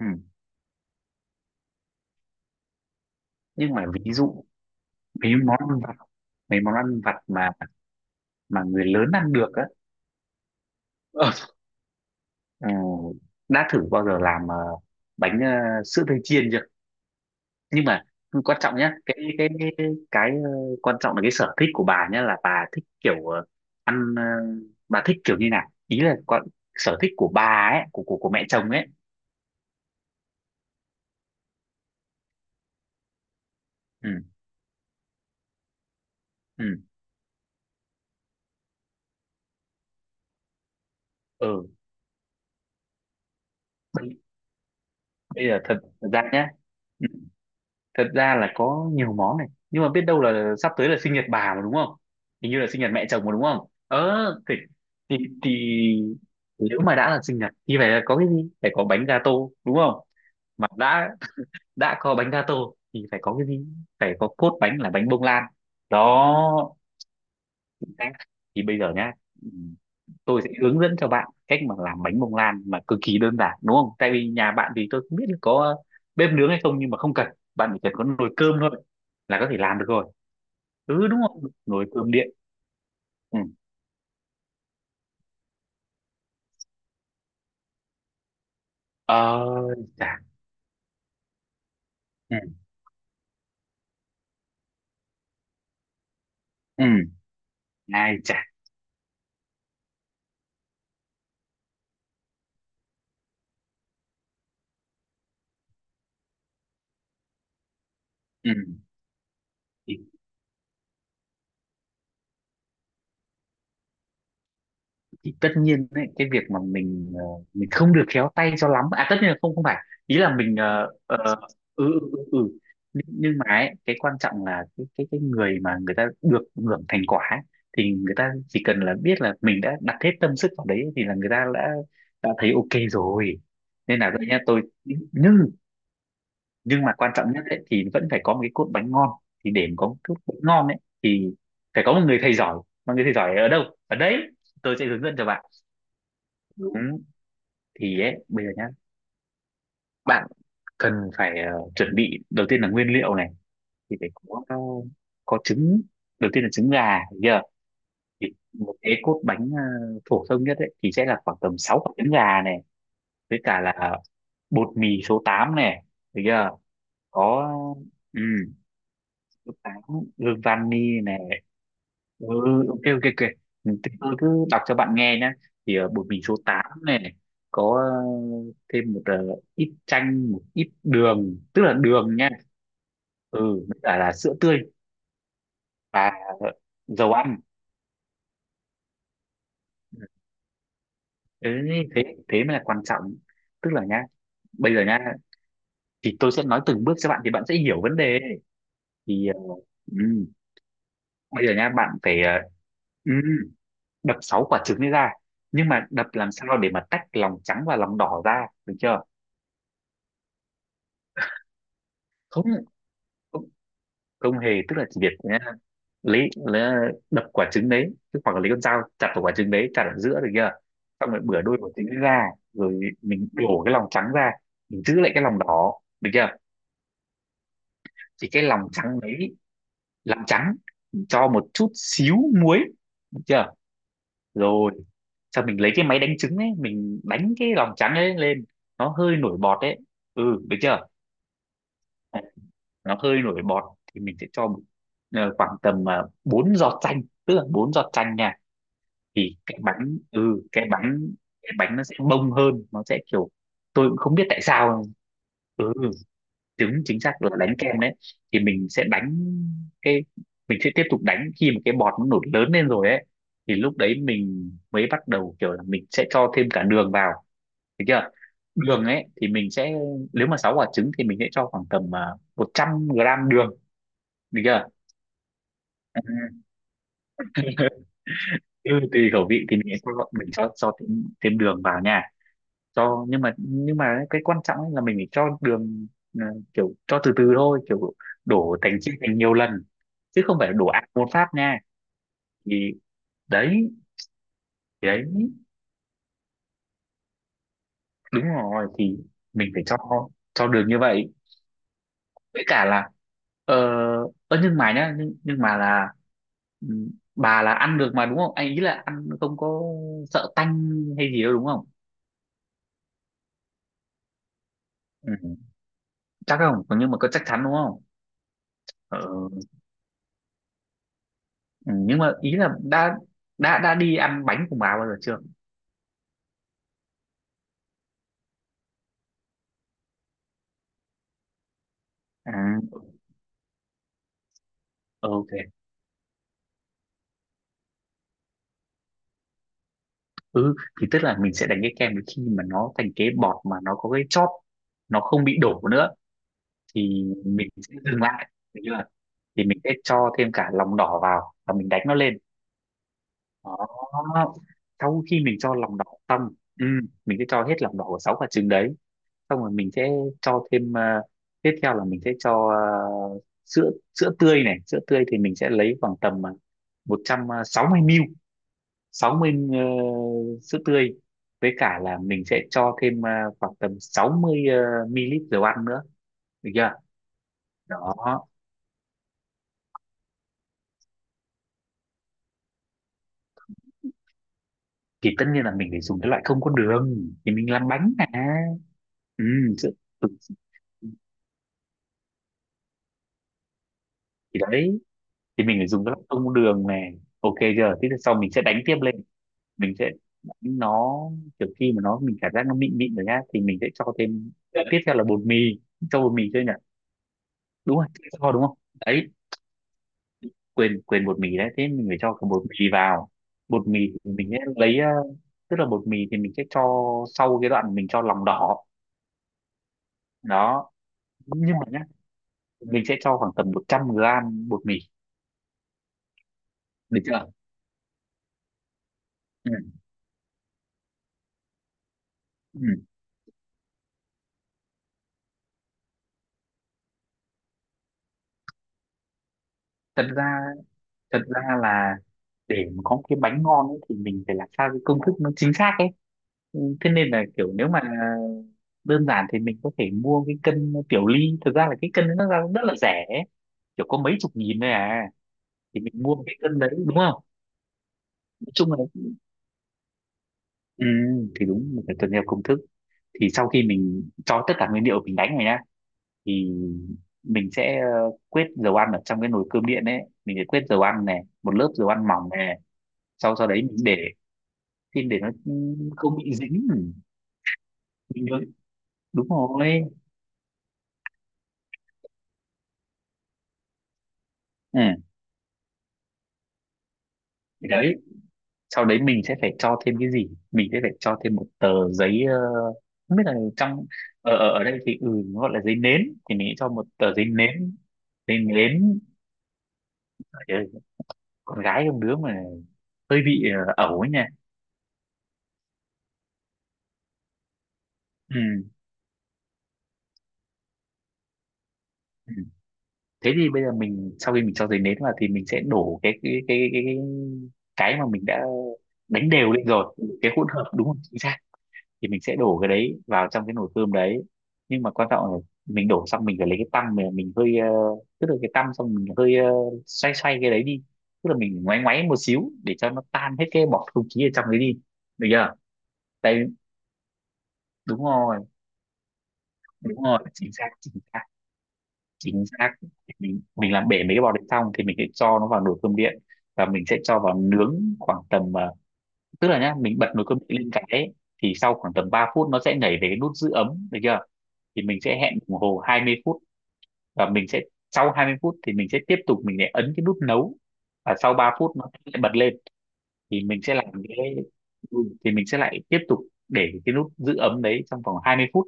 Ừ. Nhưng mà ví dụ mấy món ăn vặt mấy món ăn vặt mà người lớn ăn được á. Ờ, ờ, đã thử bao giờ làm bánh sữa tươi chiên chưa? Nhưng mà quan trọng nhá, cái ờ, quan trọng là cái sở thích của bà nhá, là bà thích kiểu ăn, bà thích kiểu như nào. Ý là con, sở thích của bà ấy, của mẹ chồng ấy. Ừ, ừ, ừ. Bây, bây giờ thật ra là có nhiều món này, nhưng mà biết đâu là sắp tới là sinh nhật bà mà, đúng không? Hình như là sinh nhật mẹ chồng mà đúng không? Ờ thì thì, thì nếu mà đã là sinh nhật thì phải là có cái gì, phải có bánh gato đúng không? Mà đã có bánh gato thì phải có cái gì, phải có cốt bánh là bánh bông lan. Đó, thì bây giờ nhá, tôi sẽ hướng dẫn cho bạn cách mà làm bánh bông lan mà cực kỳ đơn giản, đúng không? Tại vì nhà bạn thì tôi không biết là có bếp nướng hay không, nhưng mà không cần, bạn chỉ cần có nồi cơm thôi là có thể làm được rồi. Ừ đúng không, nồi cơm điện. Ừ, ờ chà, ừ, ừ, ai chà, ừ. Thì tất nhiên đấy, cái việc mà mình không được khéo tay cho lắm à, tất nhiên là không không phải. Ý là mình. Ờ, ừ, ừ, ừ, ừ. Nhưng mà ấy, cái quan trọng là cái người mà người ta được hưởng thành quả ấy, thì người ta chỉ cần là biết là mình đã đặt hết tâm sức vào đấy thì là người ta đã thấy ok rồi. Nên là đây nha tôi, nhưng nhưng mà quan trọng nhất ấy, thì vẫn phải có một cái cốt bánh ngon. Thì để mà có một cốt bánh ngon ấy thì phải có một người thầy giỏi. Mà người thầy giỏi ở đâu? Ở đấy, tôi sẽ hướng dẫn cho bạn. Đúng. Thì ấy bây giờ nhá, bạn cần phải chuẩn bị, đầu tiên là nguyên liệu này. Thì phải có trứng, đầu tiên là trứng gà, hiểu chưa? Thì một cái cốt bánh phổ thông nhất ấy thì sẽ là khoảng tầm 6 quả trứng gà này, với cả là bột mì số 8 này, được chưa? Có. Ừ, số tám, gương vani này. Ừ, ok, ok, ok. Ừ, thì tôi cứ đọc cho bạn nghe nhé. Thì bột mì số 8 này này, có thêm một ít chanh, một ít đường, tức là đường nha. Ừ, với cả là sữa tươi và dầu ăn. Ừ, thế thế mới là quan trọng, tức là nhá, bây giờ nhá, thì tôi sẽ nói từng bước cho bạn thì bạn sẽ hiểu vấn đề. Thì ừ, bây giờ nhá, bạn phải ừ, đập sáu quả trứng ấy ra. Nhưng mà đập làm sao để mà tách lòng trắng và lòng đỏ ra, được chưa? Không, không hề, tức là chỉ việc nhá, lấy đập quả trứng đấy, tức hoặc là lấy con dao chặt vào quả trứng đấy, chặt ở giữa, được chưa? Xong rồi bửa đôi quả trứng ra, rồi mình đổ cái lòng trắng ra, mình giữ lại cái lòng đỏ, được chưa? Thì cái lòng trắng đấy, làm trắng, cho một chút xíu muối, được chưa? Rồi sau mình lấy cái máy đánh trứng ấy, mình đánh cái lòng trắng ấy lên, nó hơi nổi bọt đấy. Ừ, được chưa? Đấy, nó hơi nổi bọt thì mình sẽ cho khoảng tầm 4 giọt chanh, tức là 4 giọt chanh nha. Thì cái bánh ừ cái bánh nó sẽ bông hơn, nó sẽ kiểu, tôi cũng không biết tại sao. Ừ. Đúng, chính xác là đánh kem đấy. Thì mình sẽ đánh cái mình sẽ tiếp tục đánh khi mà cái bọt nó nổi lớn lên rồi ấy, thì lúc đấy mình mới bắt đầu kiểu là mình sẽ cho thêm cả đường vào, được chưa? Đường ấy thì mình sẽ, nếu mà 6 quả trứng thì mình sẽ cho khoảng tầm 100 gram đường, được chưa? Ừ. Ừ, tùy khẩu vị thì mình sẽ cho thêm đường vào nha. Cho nhưng mà nhưng mà cái quan trọng ấy là mình phải cho đường, ờ, kiểu cho từ từ thôi, kiểu đổ thành chia thành nhiều lần chứ không phải là đổ ạt một phát nha. Thì đấy thì đấy đúng rồi, thì mình phải cho đường như vậy, với cả là, ờ ơ nhưng mà nhá nhưng mà là ừ, bà là ăn được mà đúng không anh, ý là ăn không có sợ tanh hay gì đâu, đúng không? Ừ, chắc không nhưng mà có chắc chắn đúng không? Ừ. Ừ, nhưng mà ý là đã đi ăn bánh của bà bao giờ chưa? À, ok, ừ. Thì tức là mình sẽ đánh cái kem đến khi mà nó thành cái bọt mà nó có cái chóp, nó không bị đổ nữa thì mình sẽ dừng lại, được chưa? Thì mình sẽ cho thêm cả lòng đỏ vào và mình đánh nó lên. Đó, sau khi mình cho lòng đỏ xong, ừ, mình sẽ cho hết lòng đỏ của sáu quả trứng đấy. Xong rồi mình sẽ cho thêm, tiếp theo là mình sẽ cho sữa sữa tươi này. Sữa tươi thì mình sẽ lấy khoảng tầm 160 ml, 60, sữa tươi, với cả là mình sẽ cho thêm, khoảng tầm 60 ml dầu ăn nữa, được chưa? Đó, thì tất nhiên là mình phải dùng cái loại không có đường, thì mình làm bánh mà. Ừ, sữa, ừ, thì đấy, thì mình phải dùng cái loại không có đường này. Ok chưa? Thế thì sau mình sẽ đánh tiếp lên, mình sẽ đánh nó kiểu khi mà nó, mình cảm giác nó mịn mịn rồi nhá thì mình sẽ cho thêm, tiếp theo là bột mì, cho bột mì chơi nhỉ, đúng rồi, cho đúng không, đấy. Quên quên bột mì đấy, thế mình phải cho cả bột mì vào. Bột mì thì mình sẽ lấy, tức là bột mì thì mình sẽ cho sau cái đoạn mình cho lòng đỏ, đó. Nhưng mà nhá, mình sẽ cho khoảng tầm 100 gram bột mì, được chưa? Ừ. Ừ. thật ra thật ra là để mà có một cái bánh ngon ấy, thì mình phải làm sao cái công thức nó chính xác ấy. Ừ, thế nên là kiểu, nếu mà đơn giản thì mình có thể mua cái cân tiểu ly, thực ra là cái cân nó ra cũng rất là rẻ, kiểu có mấy chục nghìn thôi à. Thì mình mua cái cân đấy, đúng không, nói chung là, ừ, thì đúng, mình phải tuân theo công thức. Thì sau khi mình cho tất cả nguyên liệu, mình đánh rồi nhá, thì mình sẽ quết dầu ăn ở trong cái nồi cơm điện ấy, mình sẽ quết dầu ăn này, một lớp dầu ăn mỏng này. Sau sau đấy mình để, xin để nó không bị dính mình. nhớ- Đúng rồi. Ừ. Thì đấy, sau đấy mình sẽ phải cho thêm cái gì, mình sẽ phải cho thêm một tờ giấy, không biết là trong, ở ở ở đây thì ừ, nó gọi là giấy nến. Thì mình sẽ cho một tờ giấy nến. Giấy nến! Trời ơi, con gái không đứa mà hơi bị ẩu ấy nha. Ừ. Ừ. Thế thì bây giờ mình, sau khi mình cho giấy nến vào thì mình sẽ đổ cái mà mình đã đánh đều lên rồi, cái hỗn hợp đúng không, chính xác. Thì mình sẽ đổ cái đấy vào trong cái nồi cơm đấy. Nhưng mà quan trọng là mình đổ xong, mình phải lấy cái tăm, mình hơi tức là cái tăm xong mình hơi xoay xoay cái đấy đi, tức là mình ngoáy ngoáy một xíu để cho nó tan hết cái bọt không khí ở trong đấy đi, được chưa, đấy. Đúng rồi, đúng rồi, chính xác, chính xác, chính xác. Mình làm bể mấy cái bọt đấy xong thì mình sẽ cho nó vào nồi cơm điện, và mình sẽ cho vào nướng khoảng tầm, tức là nhá mình bật nồi cơm điện lên cái ấy, thì sau khoảng tầm 3 phút nó sẽ nhảy về cái nút giữ ấm, được chưa? Thì mình sẽ hẹn đồng hồ 20 phút, và mình sẽ sau 20 phút thì mình sẽ tiếp tục, mình lại ấn cái nút nấu, và sau 3 phút nó sẽ bật lên thì mình sẽ ừ, lại tiếp tục, để cái nút giữ ấm đấy trong vòng 20 phút.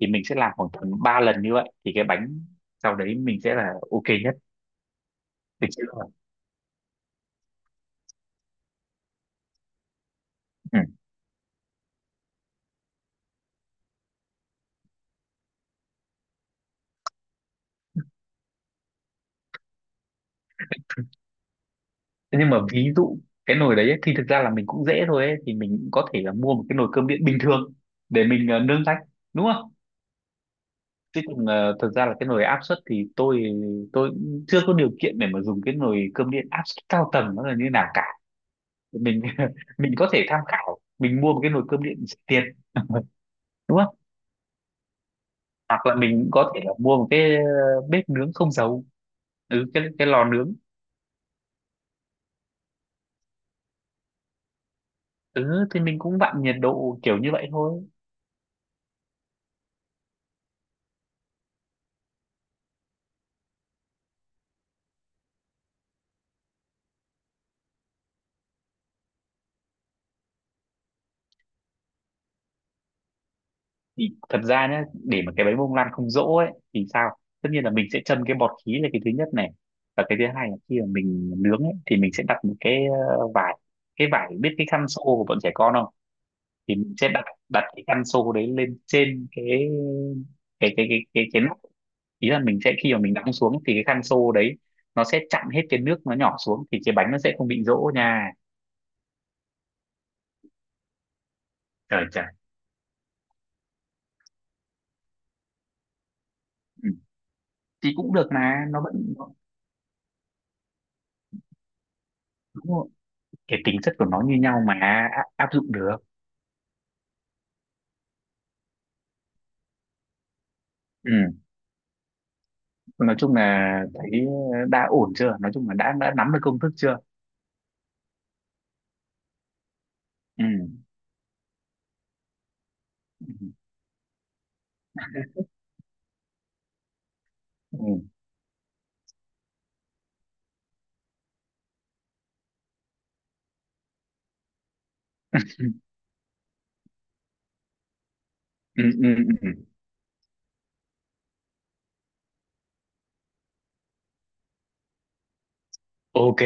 Thì mình sẽ làm khoảng tầm 3 lần như vậy thì cái bánh sau đấy mình sẽ là ok nhất, được chưa? Ừ. Thế nhưng mà ví dụ cái nồi đấy ấy, thì thực ra là mình cũng dễ thôi ấy, thì mình cũng có thể là mua một cái nồi cơm điện bình thường để mình nướng rách, đúng không? Chứ còn thật ra là cái nồi áp suất thì tôi cũng chưa có điều kiện để mà dùng cái nồi cơm điện áp suất cao tầng nó là như nào cả. Mình mình có thể tham khảo, mình mua một cái nồi cơm điện rẻ tiền. Đúng không? Hoặc là mình có thể là mua một cái, bếp nướng không dầu. Ừ, cái lò nướng. Ừ, thì mình cũng vặn nhiệt độ kiểu như vậy thôi. Thì thật ra nhé, để mà cái bánh bông lan không dỗ ấy thì sao, tất nhiên là mình sẽ châm cái bọt khí, là cái thứ nhất này. Và cái thứ hai là khi mà mình nướng ấy thì mình sẽ đặt một ờ, vải cái vải, biết cái khăn xô của bọn trẻ con không? Thì mình sẽ đặt đặt cái khăn xô đấy lên trên cái nắp. Ý là mình sẽ, khi mà mình đóng xuống thì cái khăn xô đấy nó sẽ chặn hết cái nước, nó nhỏ xuống thì cái bánh nó sẽ không bị dỗ nha. Trời trời. Ừ. Thì cũng được, mà nó vẫn, đúng rồi. Cái tính chất của nó như nhau mà, áp dụng được. Ừ. Nói chung là thấy đã ổn chưa? Nói chung là đã nắm được công thức chưa? Ừ. Ừ. Ừ. Ừ. Ừ. Ừ. Ok,